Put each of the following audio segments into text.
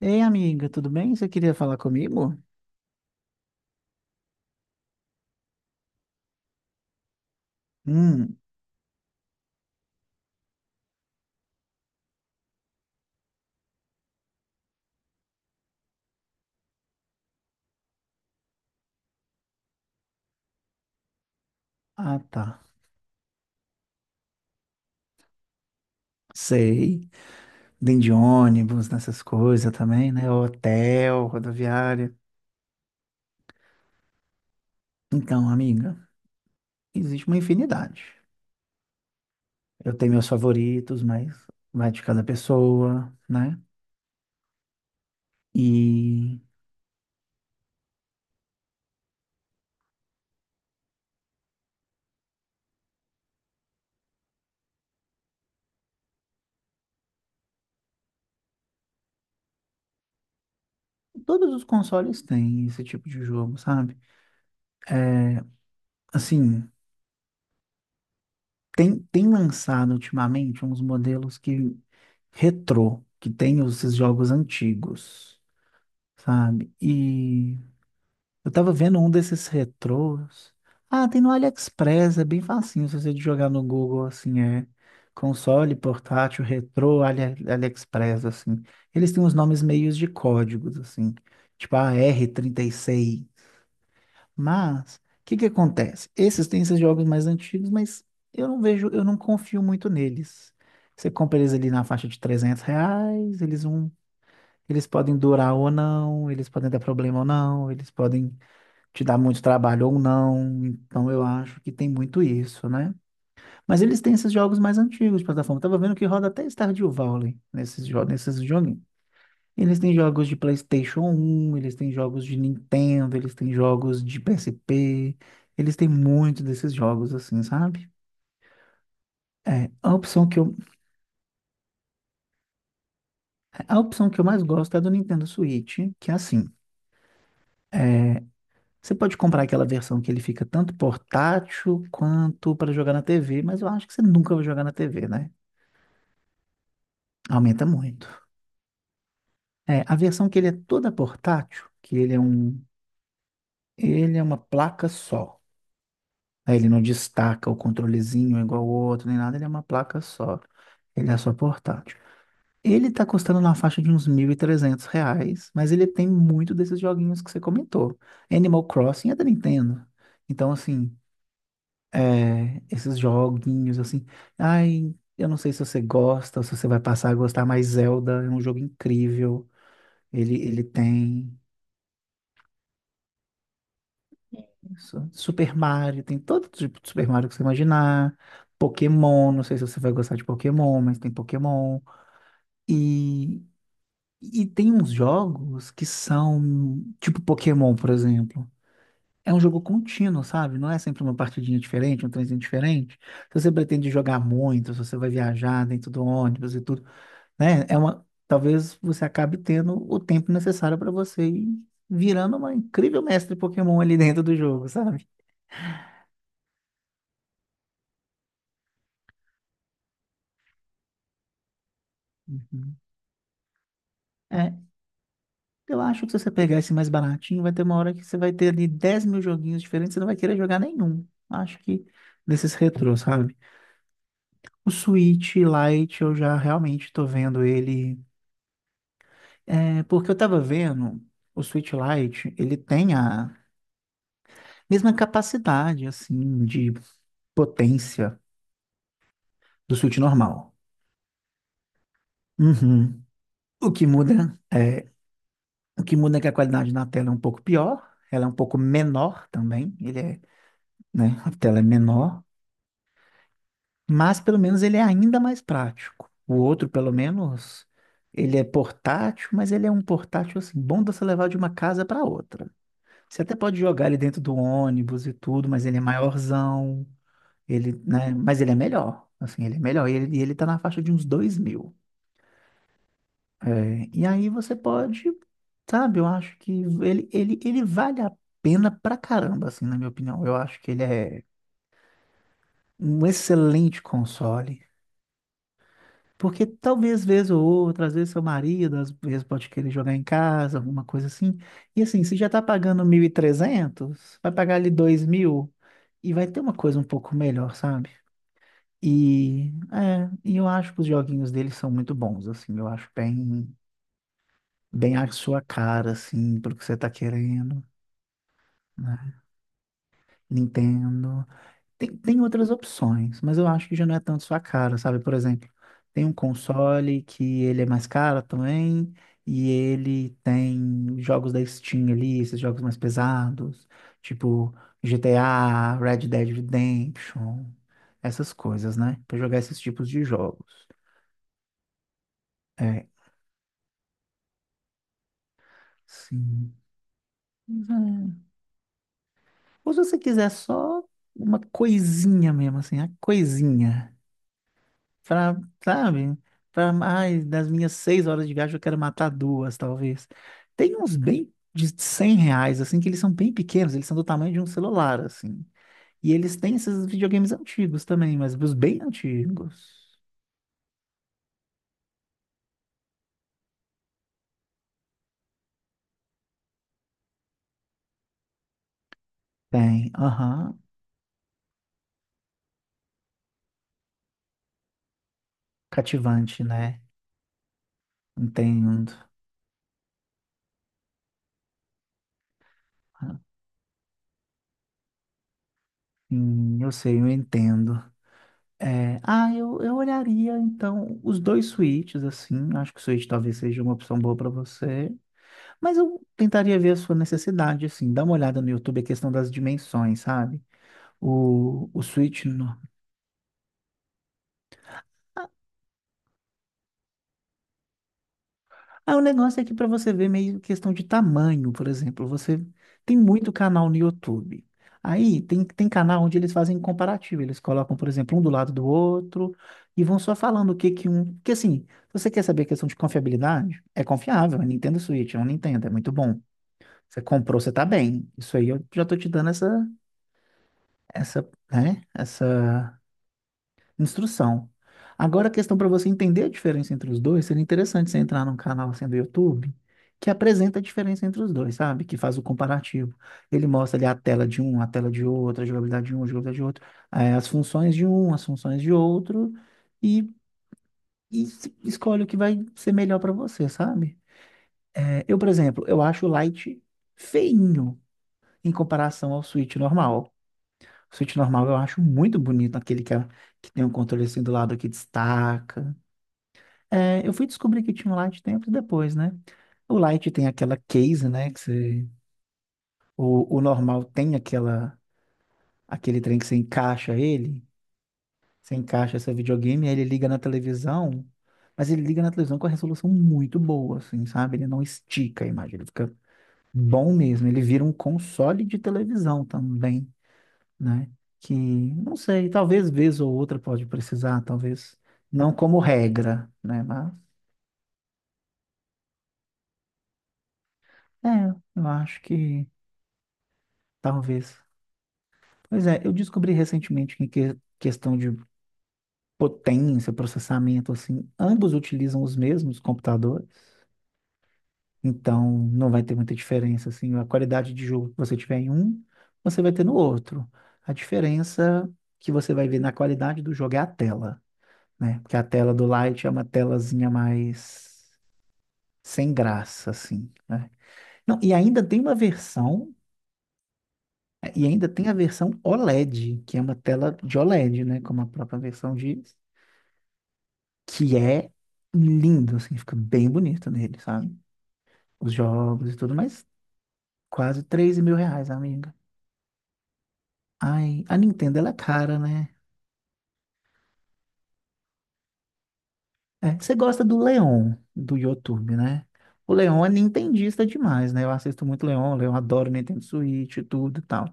Ei, amiga, tudo bem? Você queria falar comigo? Hum, ah, tá. Sei. Vem de ônibus, nessas coisas também, né? Hotel, rodoviária. Então, amiga, existe uma infinidade. Eu tenho meus favoritos, mas vai de cada pessoa, né? E todos os consoles têm esse tipo de jogo, sabe? É, assim, tem lançado ultimamente uns modelos que retrô, que tem esses jogos antigos. Sabe? E eu tava vendo um desses retrôs. Ah, tem no AliExpress, é bem facinho se você jogar no Google, assim, é console, portátil, retrô, AliExpress, assim. Eles têm uns nomes meios de códigos, assim, tipo AR36. Mas, o que que acontece? Esses têm esses jogos mais antigos, mas eu não vejo, eu não confio muito neles. Você compra eles ali na faixa de R$ 300, eles não, eles podem durar ou não, eles podem dar problema ou não, eles podem te dar muito trabalho ou não. Então eu acho que tem muito isso, né? Mas eles têm esses jogos mais antigos de plataforma. Eu tava vendo que roda até Stardew Valley nesses jogos, nesses joguinhos. Eles têm jogos de PlayStation 1, eles têm jogos de Nintendo, eles têm jogos de PSP. Eles têm muito desses jogos assim, sabe? É, a opção que eu mais gosto é a do Nintendo Switch, que é assim, é, você pode comprar aquela versão que ele fica tanto portátil quanto para jogar na TV, mas eu acho que você nunca vai jogar na TV, né? Aumenta muito. É, a versão que ele é toda portátil, que ele é um, ele é uma placa só. Aí ele não destaca o controlezinho igual o outro, nem nada, ele é uma placa só. Ele é só portátil. Ele tá custando na faixa de uns R$ 1.300, mas ele tem muito desses joguinhos que você comentou. Animal Crossing é da Nintendo. Então, assim, é, esses joguinhos assim. Ai, eu não sei se você gosta ou se você vai passar a gostar, mas Zelda é um jogo incrível. Ele tem Super Mario, tem todo tipo de Super Mario que você imaginar. Pokémon, não sei se você vai gostar de Pokémon, mas tem Pokémon. E, e tem uns jogos que são tipo Pokémon, por exemplo. É um jogo contínuo, sabe? Não é sempre uma partidinha diferente, um trenzinho diferente. Se você pretende jogar muito, se você vai viajar dentro do ônibus e tudo, né? É uma, talvez você acabe tendo o tempo necessário para você ir virando uma incrível mestre Pokémon ali dentro do jogo, sabe? Uhum. É, eu acho que se você pegar esse mais baratinho, vai ter uma hora que você vai ter ali 10 mil joguinhos diferentes, você não vai querer jogar nenhum. Acho que desses retrôs, sabe? O Switch Lite, eu já realmente tô vendo ele. É, porque eu tava vendo, o Switch Lite, ele tem a mesma capacidade, assim, de potência do Switch normal. Uhum. O que muda é, o que muda é que a qualidade na tela é um pouco pior, ela é um pouco menor também, ele é, né, a tela é menor, mas pelo menos ele é ainda mais prático. O outro, pelo menos, ele é portátil, mas ele é um portátil assim, bom de você levar de uma casa para outra. Você até pode jogar ele dentro do ônibus e tudo, mas ele é maiorzão, ele, né, mas ele é melhor, assim, ele é melhor, e ele tá na faixa de uns 2.000. É, e aí você pode, sabe, eu acho que ele vale a pena pra caramba, assim, na minha opinião. Eu acho que ele é um excelente console. Porque talvez, vez ou outra, às vezes seu marido, às vezes pode querer jogar em casa, alguma coisa assim. E assim, você já tá pagando 1.300 vai pagar ali 2.000 e vai ter uma coisa um pouco melhor, sabe? E eu acho que os joguinhos dele são muito bons, assim, eu acho bem a sua cara, assim, pelo que você tá querendo, né? Nintendo. Tem outras opções, mas eu acho que já não é tanto sua cara, sabe? Por exemplo, tem um console que ele é mais caro também, e ele tem jogos da Steam ali, esses jogos mais pesados, tipo GTA, Red Dead Redemption, essas coisas, né? Pra jogar esses tipos de jogos. É, sim. Ou se você quiser só uma coisinha mesmo, assim, a coisinha. Pra, sabe? Pra mais das minhas 6 horas de viagem, eu quero matar duas, talvez. Tem uns bem de R$ 100, assim, que eles são bem pequenos, eles são do tamanho de um celular, assim. E eles têm esses videogames antigos também, mas os bem antigos. Tem, aham. Cativante, né? Entendo. Eu sei, eu entendo. É, ah, eu olharia então os dois suítes, assim. Acho que o suíte talvez seja uma opção boa para você. Mas eu tentaria ver a sua necessidade, assim. Dá uma olhada no YouTube, a questão das dimensões, sabe? O suíte. Ah, o negócio é que para você ver meio questão de tamanho, por exemplo, você tem muito canal no YouTube. Aí tem canal onde eles fazem comparativo, eles colocam, por exemplo, um do lado do outro e vão só falando o que que um, que assim, se você quer saber a questão de confiabilidade, é confiável, a Nintendo Switch, é um Nintendo, é muito bom. Você comprou, você tá bem. Isso aí eu já tô te dando essa essa, né, essa instrução. Agora a questão para você entender a diferença entre os dois, seria interessante você entrar num canal assim do YouTube que apresenta a diferença entre os dois, sabe? Que faz o comparativo. Ele mostra ali a tela de um, a tela de outro, a jogabilidade de um, a jogabilidade de outro, as funções de um, as funções de outro, e, e escolhe o que vai ser melhor para você, sabe? Eu, por exemplo, eu acho o Lite feinho em comparação ao Switch normal. O Switch normal eu acho muito bonito, aquele que tem um controle assim do lado que destaca. É, eu fui descobrir que tinha um light tempos depois, né? O light tem aquela case, né? Que você, o normal tem aquela, aquele trem que você encaixa ele, você encaixa seu videogame, aí ele liga na televisão, mas ele liga na televisão com a resolução muito boa, assim, sabe? Ele não estica a imagem, ele fica bom mesmo. Ele vira um console de televisão também, né? Que, não sei, talvez vez ou outra pode precisar, talvez não como regra, né? Mas, é, eu acho que talvez. Pois é, eu descobri recentemente que em questão de potência, processamento, assim, ambos utilizam os mesmos computadores, então não vai ter muita diferença, assim, a qualidade de jogo que você tiver em um, você vai ter no outro. A diferença que você vai ver na qualidade do jogo é a tela, né? Porque a tela do Lite é uma telazinha mais sem graça, assim, né? Não, e ainda tem uma versão, e ainda tem a versão OLED, que é uma tela de OLED, né? Como a própria versão diz. Que é lindo, assim, fica bem bonito nele, sabe? Os jogos e tudo, mas quase 13 mil reais, amiga. Ai, a Nintendo, ela é cara, né? É, você gosta do Leon, do YouTube, né? O Leon é nintendista demais, né? Eu assisto muito Leon, o Leon adora Nintendo Switch e tudo e tal.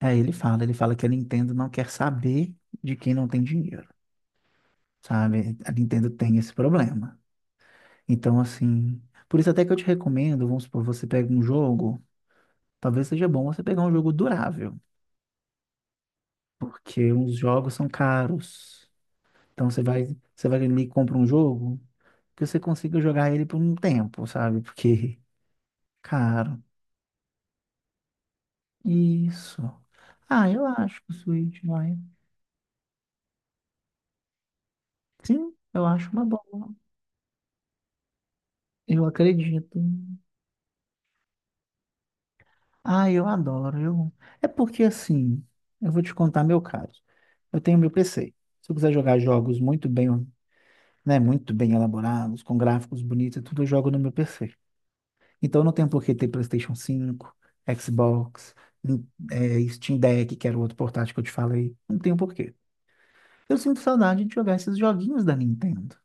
Aí ele fala que a Nintendo não quer saber de quem não tem dinheiro, sabe? A Nintendo tem esse problema. Então, assim, por isso até que eu te recomendo, vamos supor, você pega um jogo, talvez seja bom você pegar um jogo durável, porque os jogos são caros. Então você vai ali e compra um jogo que você consiga jogar ele por um tempo, sabe? Porque caro. Isso. Ah, eu acho que o Switch vai. Sim, eu acho uma boa. Eu acredito. Ah, eu adoro. Eu... É porque assim, eu vou te contar meu caso. Eu tenho meu PC. Se eu quiser jogar jogos muito bem, né, muito bem elaborados, com gráficos bonitos e tudo, eu jogo no meu PC. Então não tem por que ter PlayStation 5, Xbox, Steam Deck, que era o outro portátil que eu te falei. Não tem por quê. Eu sinto saudade de jogar esses joguinhos da Nintendo.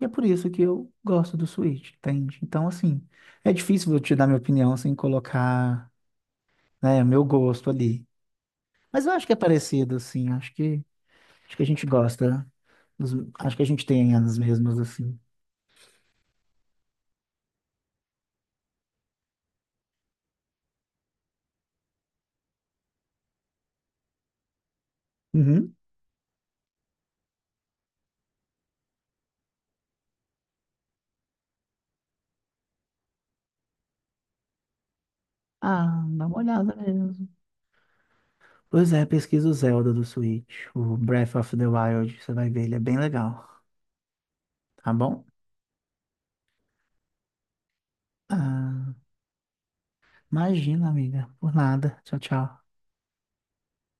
E é por isso que eu gosto do Switch, entende? Então, assim, é difícil eu te dar minha opinião sem colocar, né, meu gosto ali. Mas eu acho que é parecido, assim. Acho que a gente gosta. dos- acho que a gente tem as mesmas, assim. Uhum. Ah, dá uma olhada mesmo. Pois é, pesquisa o Zelda do Switch, o Breath of the Wild, você vai ver, ele é bem legal, tá bom? Ah, imagina, amiga, por nada. Tchau, tchau.